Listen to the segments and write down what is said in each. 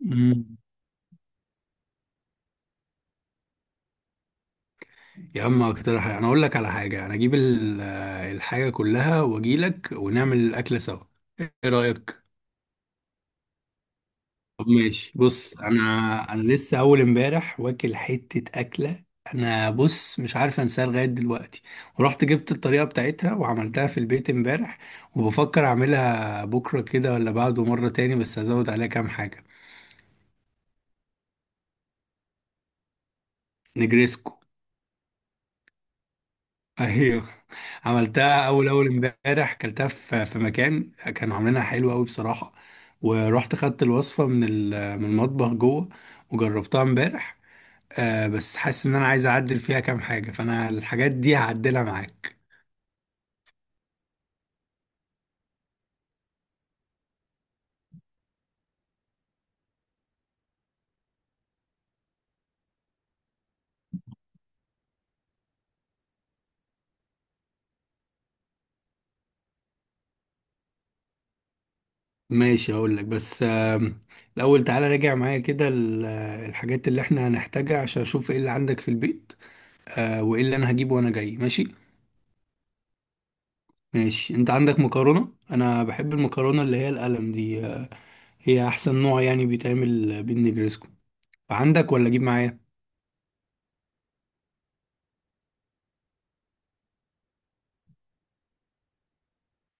مم. يا عم، اقترح انا اقول لك على حاجه. انا اجيب الحاجه كلها واجي لك ونعمل الاكله سوا. ايه رايك؟ طب، ماشي. بص انا لسه اول امبارح واكل حته اكله. انا، بص، مش عارف انساها لغايه دلوقتي. ورحت جبت الطريقه بتاعتها وعملتها في البيت امبارح، وبفكر اعملها بكره كده ولا بعده مره تاني بس هزود عليها كام حاجه. نجريسكو. ايوه، عملتها اول اول امبارح. اكلتها في مكان كانوا عاملينها حلوه قوي بصراحه. ورحت خدت الوصفه من المطبخ جوه وجربتها امبارح. بس حاسس ان انا عايز اعدل فيها كام حاجه، فانا الحاجات دي هعدلها معاك. ماشي، هقول لك. بس الاول تعالى راجع معايا كده الحاجات اللي احنا هنحتاجها عشان اشوف ايه اللي عندك في البيت، وايه اللي انا هجيبه وانا جاي. ماشي، ماشي. انت عندك مكرونه؟ انا بحب المكرونه اللي هي القلم دي، هي احسن نوع يعني بيتعمل بين نجرسكو. عندك ولا اجيب معايا؟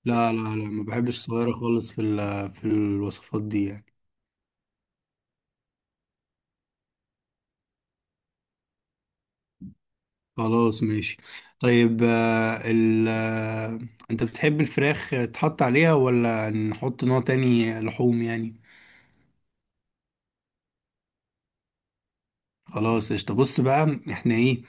لا لا لا، ما بحبش الصغيرة خالص في الوصفات دي يعني. خلاص، ماشي. طيب، آه، ال آه، انت بتحب الفراخ تحط عليها ولا نحط نوع تاني لحوم يعني؟ خلاص، قشطة. بص بقى، احنا ايه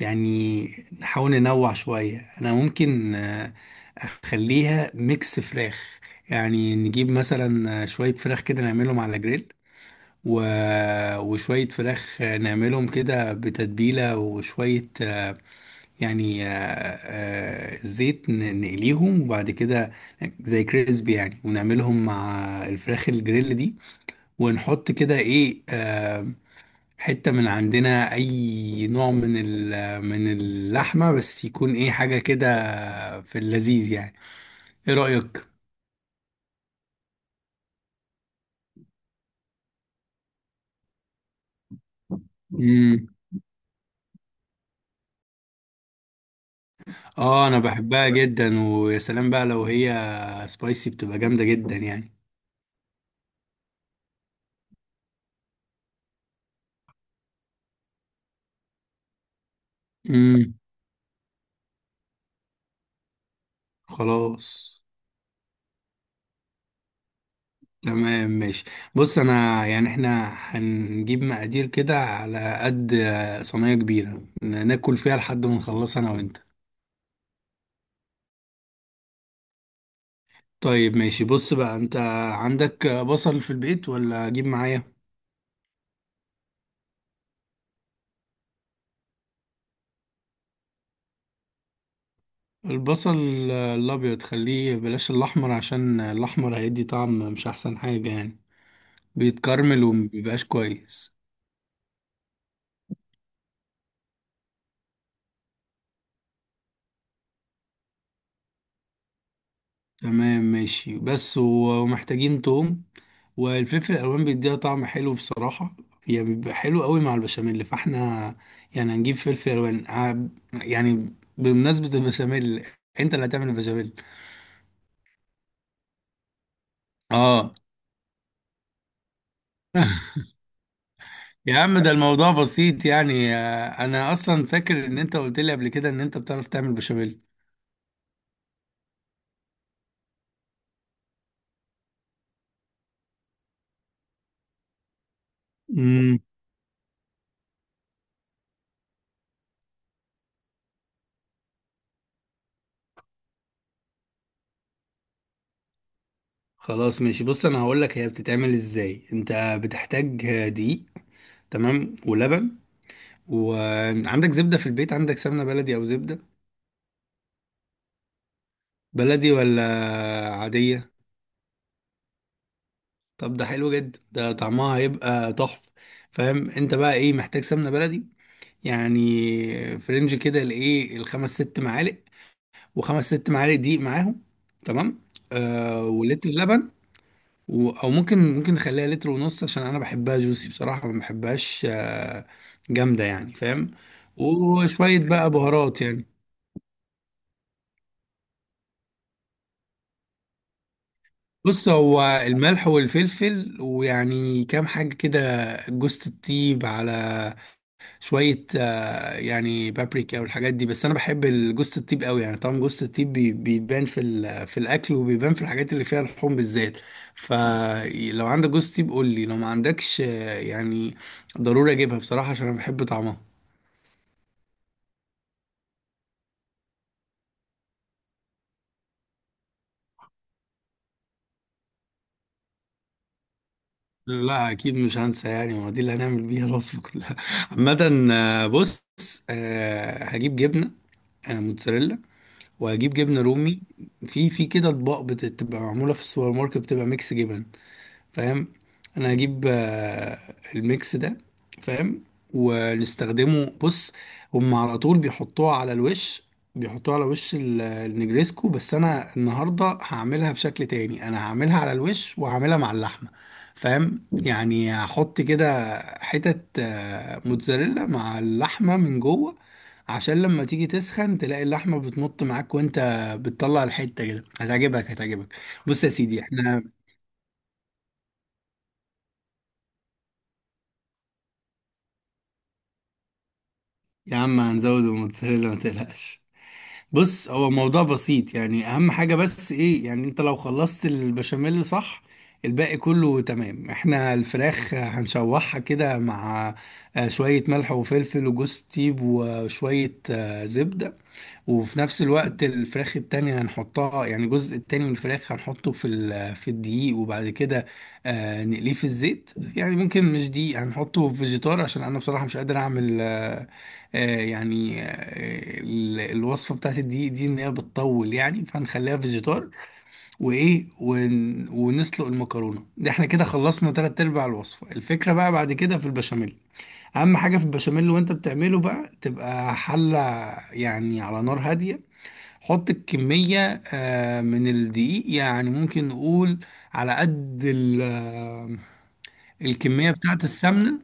يعني؟ نحاول ننوع شوية. انا ممكن اخليها ميكس فراخ، يعني نجيب مثلا شوية فراخ كده نعملهم على جريل، و... وشوية فراخ نعملهم كده بتتبيلة، وشوية زيت نقليهم، وبعد كده زي كريسبي يعني، ونعملهم مع الفراخ الجريل دي. ونحط كده ايه، حتة من عندنا اي نوع من اللحمة، بس يكون ايه، حاجة كده في اللذيذ يعني. ايه رأيك؟ مم. اه، انا بحبها جدا، ويا سلام بقى لو هي سبايسي، بتبقى جامدة جدا يعني. امم. خلاص. تمام، ماشي. بص، انا يعني احنا هنجيب مقادير كده على قد صينية كبيرة ناكل فيها لحد ما نخلص انا وانت. طيب، ماشي. بص بقى، انت عندك بصل في البيت ولا اجيب معايا؟ البصل الابيض خليه، بلاش الاحمر، عشان الاحمر هيدي طعم مش احسن حاجة يعني، بيتكرمل ومبيبقاش كويس. تمام، ماشي. بس و- ومحتاجين توم. والفلفل الالوان بيديها طعم حلو بصراحه، يعني بيبقى حلو قوي مع البشاميل. فاحنا يعني هنجيب فلفل الوان يعني بمناسبه البشاميل، انت اللي هتعمل البشاميل. اه. يا عم، ده الموضوع بسيط يعني. انا اصلا فاكر ان انت قلت لي قبل كده ان انت بتعرف تعمل بشاميل. امم. خلاص، ماشي. بص، انا هقول لك هي بتتعمل ازاي. انت بتحتاج دقيق، تمام، ولبن. وعندك زبدة في البيت؟ عندك سمنة بلدي او زبدة بلدي ولا عادية؟ طب ده حلو جدا، ده طعمها هيبقى تحفة. فاهم؟ انت بقى ايه، محتاج سمنة بلدي، يعني فرنج كده، الايه، الخمس ست معالق. وخمس ست معالق دقيق معاهم، تمام. آه، ولتر لبن، او ممكن نخليها لتر ونص، عشان انا بحبها جوسي بصراحة، ما بحبهاش جامدة يعني، فاهم؟ وشوية بقى بهارات يعني. بص، هو الملح والفلفل ويعني كام حاجة كده، جوزة الطيب، على شوية يعني بابريكا والحاجات دي، بس أنا بحب الجوز الطيب قوي يعني. طبعا جوز الطيب بيبان في الأكل، وبيبان في الحاجات اللي فيها لحوم بالذات. فلو عندك جوز طيب قول لي، لو ما عندكش يعني ضروري أجيبها بصراحة، عشان أنا بحب طعمها. لا، أكيد مش هنسى يعني، ما دي اللي هنعمل بيها الوصفة كلها. عامة بص، هجيب جبنة موتزاريلا، وهجيب جبنة رومي. في كده أطباق بتبقى معمولة في السوبر ماركت، بتبقى ميكس جبن، فاهم؟ انا هجيب الميكس ده، فاهم، ونستخدمه. بص، هم على طول بيحطوها على الوش، بيحطوها على وش النجريسكو. بس انا النهارده هعملها بشكل تاني، انا هعملها على الوش وهعملها مع اللحمه، فاهم؟ يعني هحط كده حتت موتزاريلا مع اللحمه من جوه، عشان لما تيجي تسخن تلاقي اللحمه بتمط معاك وانت بتطلع الحته. كده هتعجبك، هتعجبك. بص يا سيدي، احنا، يا عم، هنزود الموتزاريلا، ما تقلقش. بص، هو موضوع بسيط يعني، اهم حاجة بس ايه يعني، انت لو خلصت البشاميل صح، الباقي كله تمام. احنا الفراخ هنشوحها كده مع شوية ملح وفلفل وجوز طيب وشوية زبدة. وفي نفس الوقت الفراخ التانية هنحطها، يعني الجزء التاني من الفراخ هنحطه في الدقيق، وبعد كده نقليه في الزيت. يعني ممكن مش دقيق، هنحطه في فيجيتار، عشان انا بصراحة مش قادر اعمل الوصفة بتاعت الدقيق دي ان هي بتطول يعني، فهنخليها فيجيتار. وايه، ونسلق المكرونة. ده احنا كده خلصنا تلات ارباع الوصفة. الفكرة بقى بعد كده في البشاميل. اهم حاجة في البشاميل وانت بتعمله بقى، تبقى حلة يعني على نار هادية. حط الكمية من الدقيق، يعني ممكن نقول على قد الكمية بتاعة السمنة.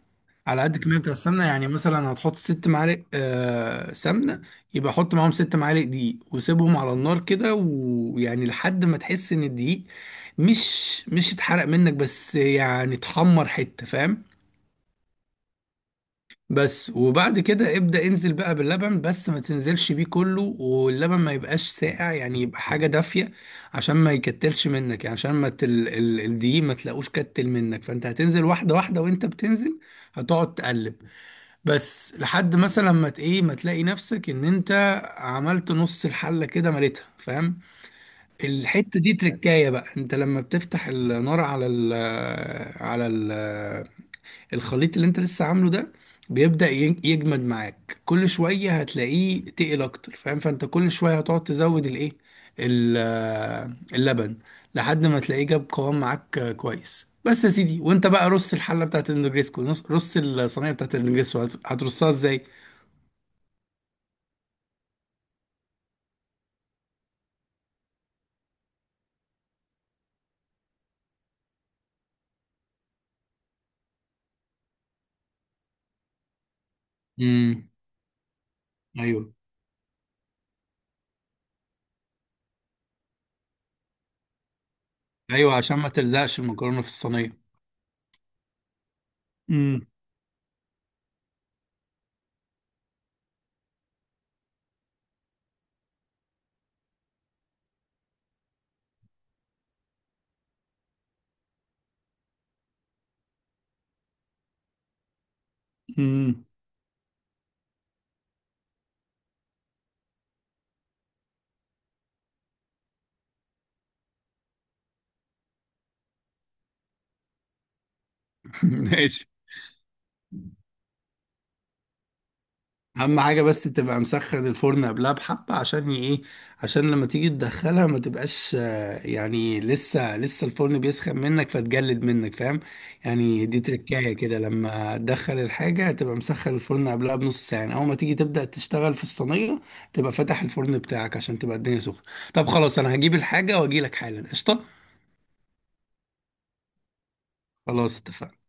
على قد الكمية بتاعة السمنة يعني، مثلا هتحط 6 معالق سمنة، يبقى حط معاهم 6 معالق دقيق. وسيبهم على النار كده، ويعني لحد ما تحس ان الدقيق مش اتحرق منك، بس يعني اتحمر حتة، فاهم؟ بس. وبعد كده ابدأ انزل بقى باللبن، بس ما تنزلش بيه كله. واللبن ما يبقاش ساقع، يعني يبقى حاجة دافية، عشان ما يكتلش منك. يعني عشان ما الدقيق ما تلاقوش كتل منك. فانت هتنزل واحدة واحدة، وانت بتنزل هتقعد تقلب، بس لحد مثلا ما ت- ايه ما تلاقي نفسك ان انت عملت نص الحلة كده مليتها، فاهم؟ الحتة دي تركاية بقى. انت لما بتفتح النار على الخليط اللي انت لسه عامله ده، بيبدأ يجمد معاك. كل شوية هتلاقيه تقل اكتر، فاهم؟ فانت كل شوية هتقعد تزود الايه، اللبن، لحد ما تلاقيه جاب قوام معاك كويس. بس يا سيدي، وانت بقى رص الحلة بتاعت النجريسكو، رص الصينية بتاعت النجريسكو، هترصها ازاي؟ امم. ايوه، ايوه، عشان ما تلزقش المكرونة في الصينية. امم. امم. ماشي. اهم حاجه بس تبقى مسخن الفرن قبلها، بحبه عشان ي- ايه عشان لما تيجي تدخلها ما تبقاش يعني لسه الفرن بيسخن منك فتجلد منك، فاهم؟ يعني دي تركايه كده، لما تدخل الحاجه تبقى مسخن الفرن قبلها بنص ساعه. يعني اول ما تيجي تبدا تشتغل في الصينيه، تبقى فاتح الفرن بتاعك عشان تبقى الدنيا سخنه. طب خلاص، انا هجيب الحاجه واجي لك حالا، قشطه. خلاص، اتفقنا.